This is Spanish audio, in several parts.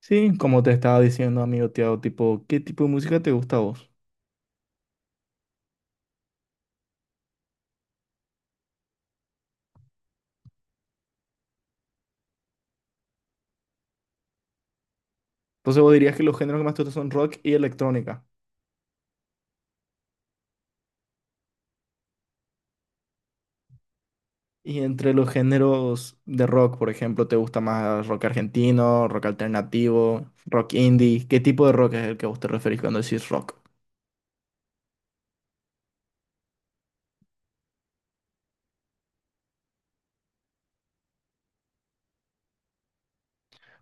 Sí, como te estaba diciendo, amigo Tiago, tipo, ¿qué tipo de música te gusta a vos? Entonces vos dirías que los géneros que más te gustan son rock y electrónica. Y entre los géneros de rock, por ejemplo, ¿te gusta más rock argentino, rock alternativo, rock indie? ¿Qué tipo de rock es el que a vos te referís cuando decís rock?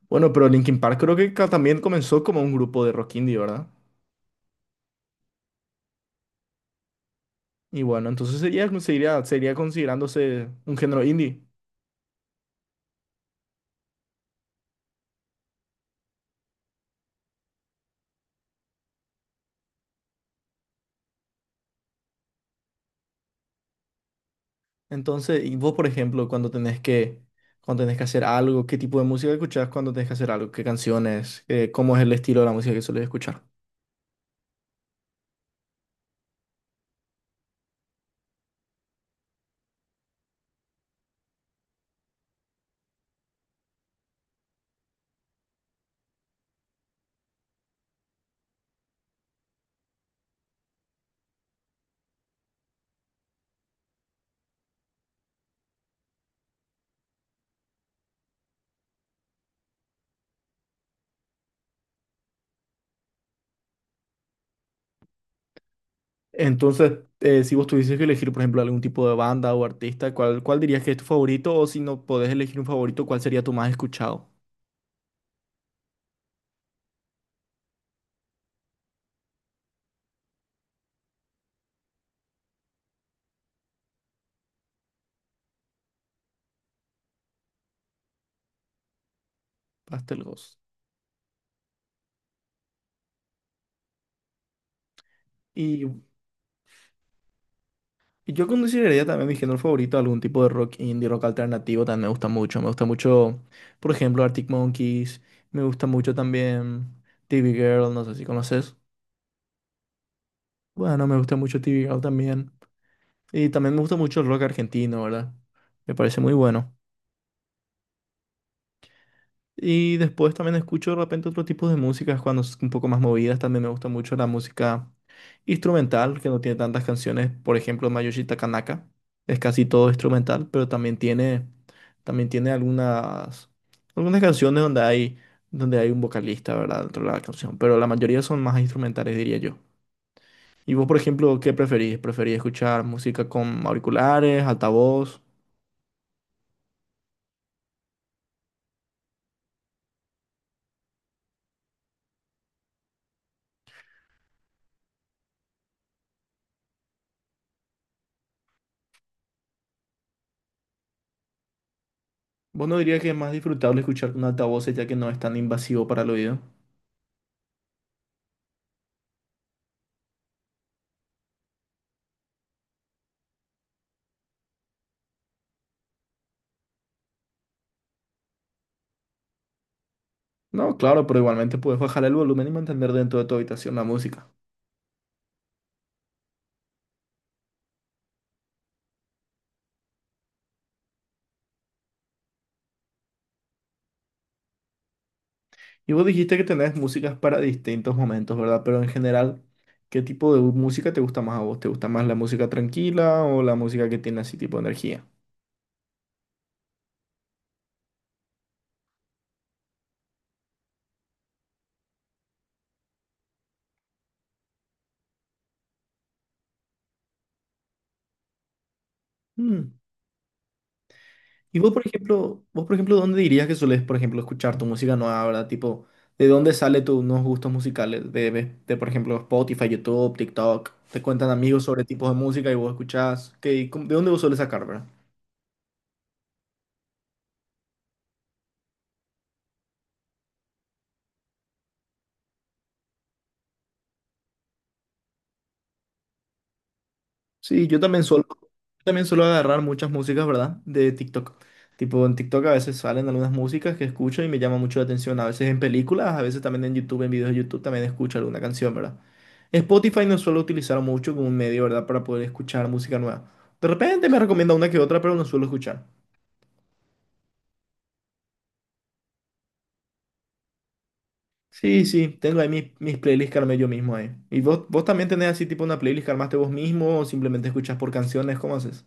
Bueno, pero Linkin Park creo que también comenzó como un grupo de rock indie, ¿verdad? Y bueno, entonces sería, seguiría considerándose un género indie. Entonces, y vos, por ejemplo, cuando tenés que hacer algo, ¿qué tipo de música escuchás cuando tenés que hacer algo? ¿Qué canciones? ¿Cómo es el estilo de la música que sueles escuchar? Entonces, si vos tuvieses que elegir, por ejemplo, algún tipo de banda o artista, ¿cuál, cuál dirías que es tu favorito? O si no podés elegir un favorito, ¿cuál sería tu más escuchado? Pastel Ghost. Y, y yo consideraría también mi género favorito algún tipo de rock indie, rock alternativo, también me gusta mucho. Me gusta mucho, por ejemplo, Arctic Monkeys. Me gusta mucho también TV Girl, no sé si conoces. Bueno, me gusta mucho TV Girl también. Y también me gusta mucho el rock argentino, ¿verdad? Me parece muy bueno. Y después también escucho de repente otro tipo de músicas cuando es un poco más movidas. También me gusta mucho la música instrumental, que no tiene tantas canciones. Por ejemplo, Mayoshi Takanaka. Es casi todo instrumental, pero también tiene algunas, algunas canciones donde hay un vocalista, ¿verdad? Dentro de la canción. Pero la mayoría son más instrumentales, diría yo. ¿Y vos, por ejemplo, qué preferís? ¿Preferís escuchar música con auriculares, altavoz? ¿Vos no dirías que es más disfrutable escuchar con altavoces ya que no es tan invasivo para el oído? No, claro, pero igualmente puedes bajar el volumen y mantener dentro de tu habitación la música. Y vos dijiste que tenés músicas para distintos momentos, ¿verdad? Pero en general, ¿qué tipo de música te gusta más a vos? ¿Te gusta más la música tranquila o la música que tiene así tipo energía? Mm. ¿Y vos, por ejemplo, dónde dirías que sueles por ejemplo, escuchar tu música nueva, ¿verdad? Tipo, ¿de dónde sale tus nuevos gustos musicales? De, por ejemplo, Spotify, YouTube, TikTok. Te cuentan amigos sobre tipos de música y vos escuchás. ¿Qué, cómo- de dónde vos sueles sacar, verdad? Sí, yo también suelo. También suelo agarrar muchas músicas, ¿verdad? De TikTok. Tipo, en TikTok a veces salen algunas músicas que escucho y me llama mucho la atención. A veces en películas, a veces también en YouTube, en videos de YouTube también escucho alguna canción, ¿verdad? Spotify no suelo utilizar mucho como un medio, ¿verdad? Para poder escuchar música nueva. De repente me recomienda una que otra, pero no suelo escuchar. Sí, sí, tengo ahí mis, mis playlists que armé yo mismo ahí. ¿Y vos, vos también tenés así tipo una playlist que armaste vos mismo o simplemente escuchas por canciones? ¿Cómo haces?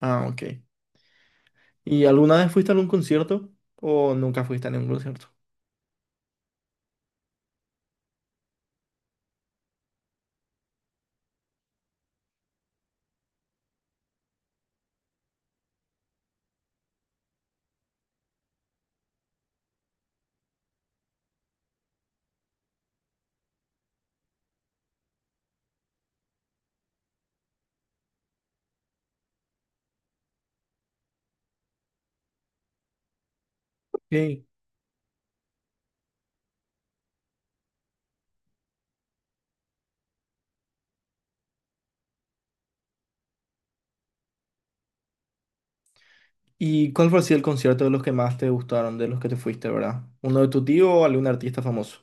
Ah, ok. ¿Y alguna vez fuiste a algún concierto o nunca fuiste a ningún concierto? Ok. ¿Y cuál fue así el concierto de los que más te gustaron, de los que te fuiste, verdad? ¿Uno de tu tío o algún artista famoso?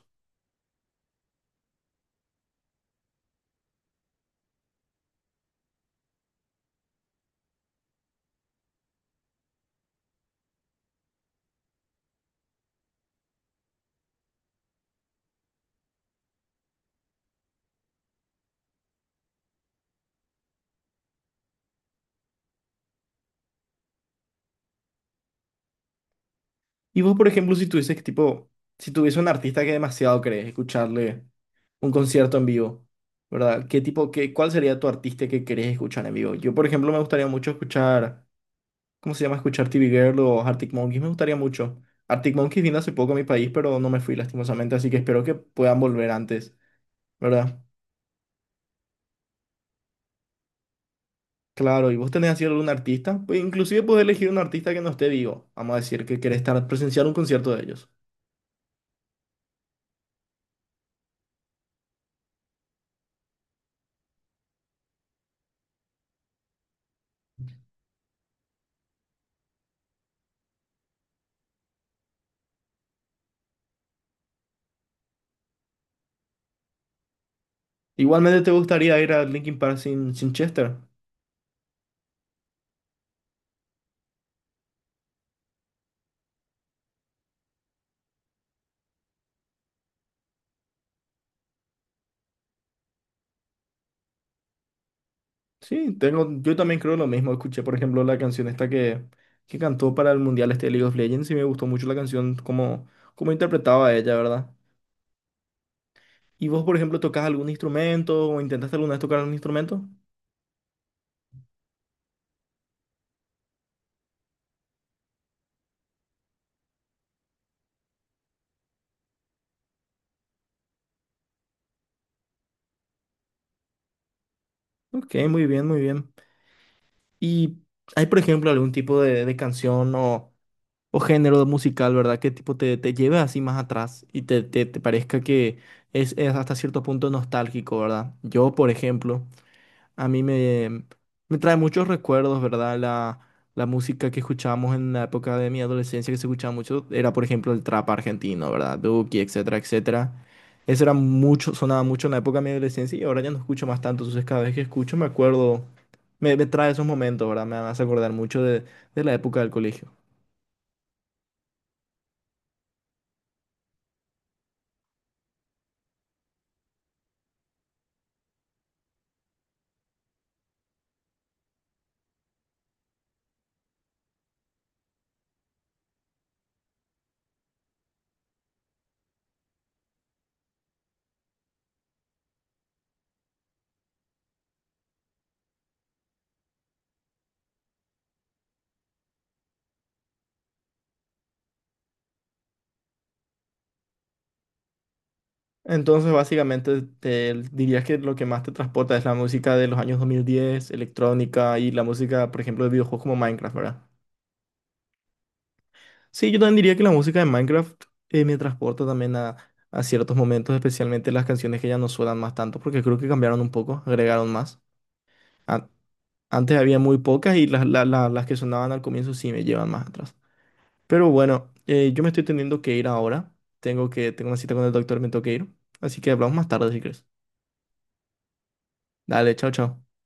Y vos, por ejemplo, si tuviese un artista que demasiado querés escucharle un concierto en vivo, ¿verdad? ¿Qué tipo, qué, cuál sería tu artista que querés escuchar en vivo? Yo, por ejemplo, me gustaría mucho escuchar, ¿cómo se llama? Escuchar TV Girl o Arctic Monkeys, me gustaría mucho. Arctic Monkeys vino hace poco a mi país, pero no me fui lastimosamente, así que espero que puedan volver antes, ¿verdad? Claro, y vos tenés así algún artista, pues inclusive podés elegir un artista que no esté vivo, vamos a decir que querés estar presenciar un concierto de ellos. Igualmente te gustaría ir a Linkin Park sin, sin Chester. Sí, tengo, yo también creo lo mismo. Escuché, por ejemplo, la canción esta que cantó para el Mundial este de League of Legends y me gustó mucho la canción, como, como interpretaba ella, ¿verdad? ¿Y vos, por ejemplo, tocas algún instrumento o intentaste alguna vez tocar algún instrumento? Ok, muy bien, muy bien. ¿Y hay, por ejemplo, algún tipo de canción o género musical, ¿verdad? Que tipo te, te lleve así más atrás y te parezca que es hasta cierto punto nostálgico, ¿verdad? Yo, por ejemplo, a mí me, me trae muchos recuerdos, ¿verdad? La música que escuchábamos en la época de mi adolescencia, que se escuchaba mucho, era, por ejemplo, el trap argentino, ¿verdad? Duki, etcétera, etcétera. Eso era mucho, sonaba mucho en la época de mi adolescencia y ahora ya no escucho más tanto, entonces cada vez que escucho me acuerdo, me trae esos momentos, ¿verdad? Me hace acordar mucho de la época del colegio. Entonces, básicamente, te dirías que lo que más te transporta es la música de los años 2010, electrónica y la música, por ejemplo, de videojuegos como Minecraft, ¿verdad? Sí, yo también diría que la música de Minecraft me transporta también a ciertos momentos, especialmente las canciones que ya no suenan más tanto, porque creo que cambiaron un poco, agregaron más. An- antes había muy pocas y las, las que sonaban al comienzo sí me llevan más atrás. Pero bueno, yo me estoy teniendo que ir ahora. Tengo una cita con el doctor, me tengo que ir. Así que hablamos más tarde si crees. Dale, chao, chao.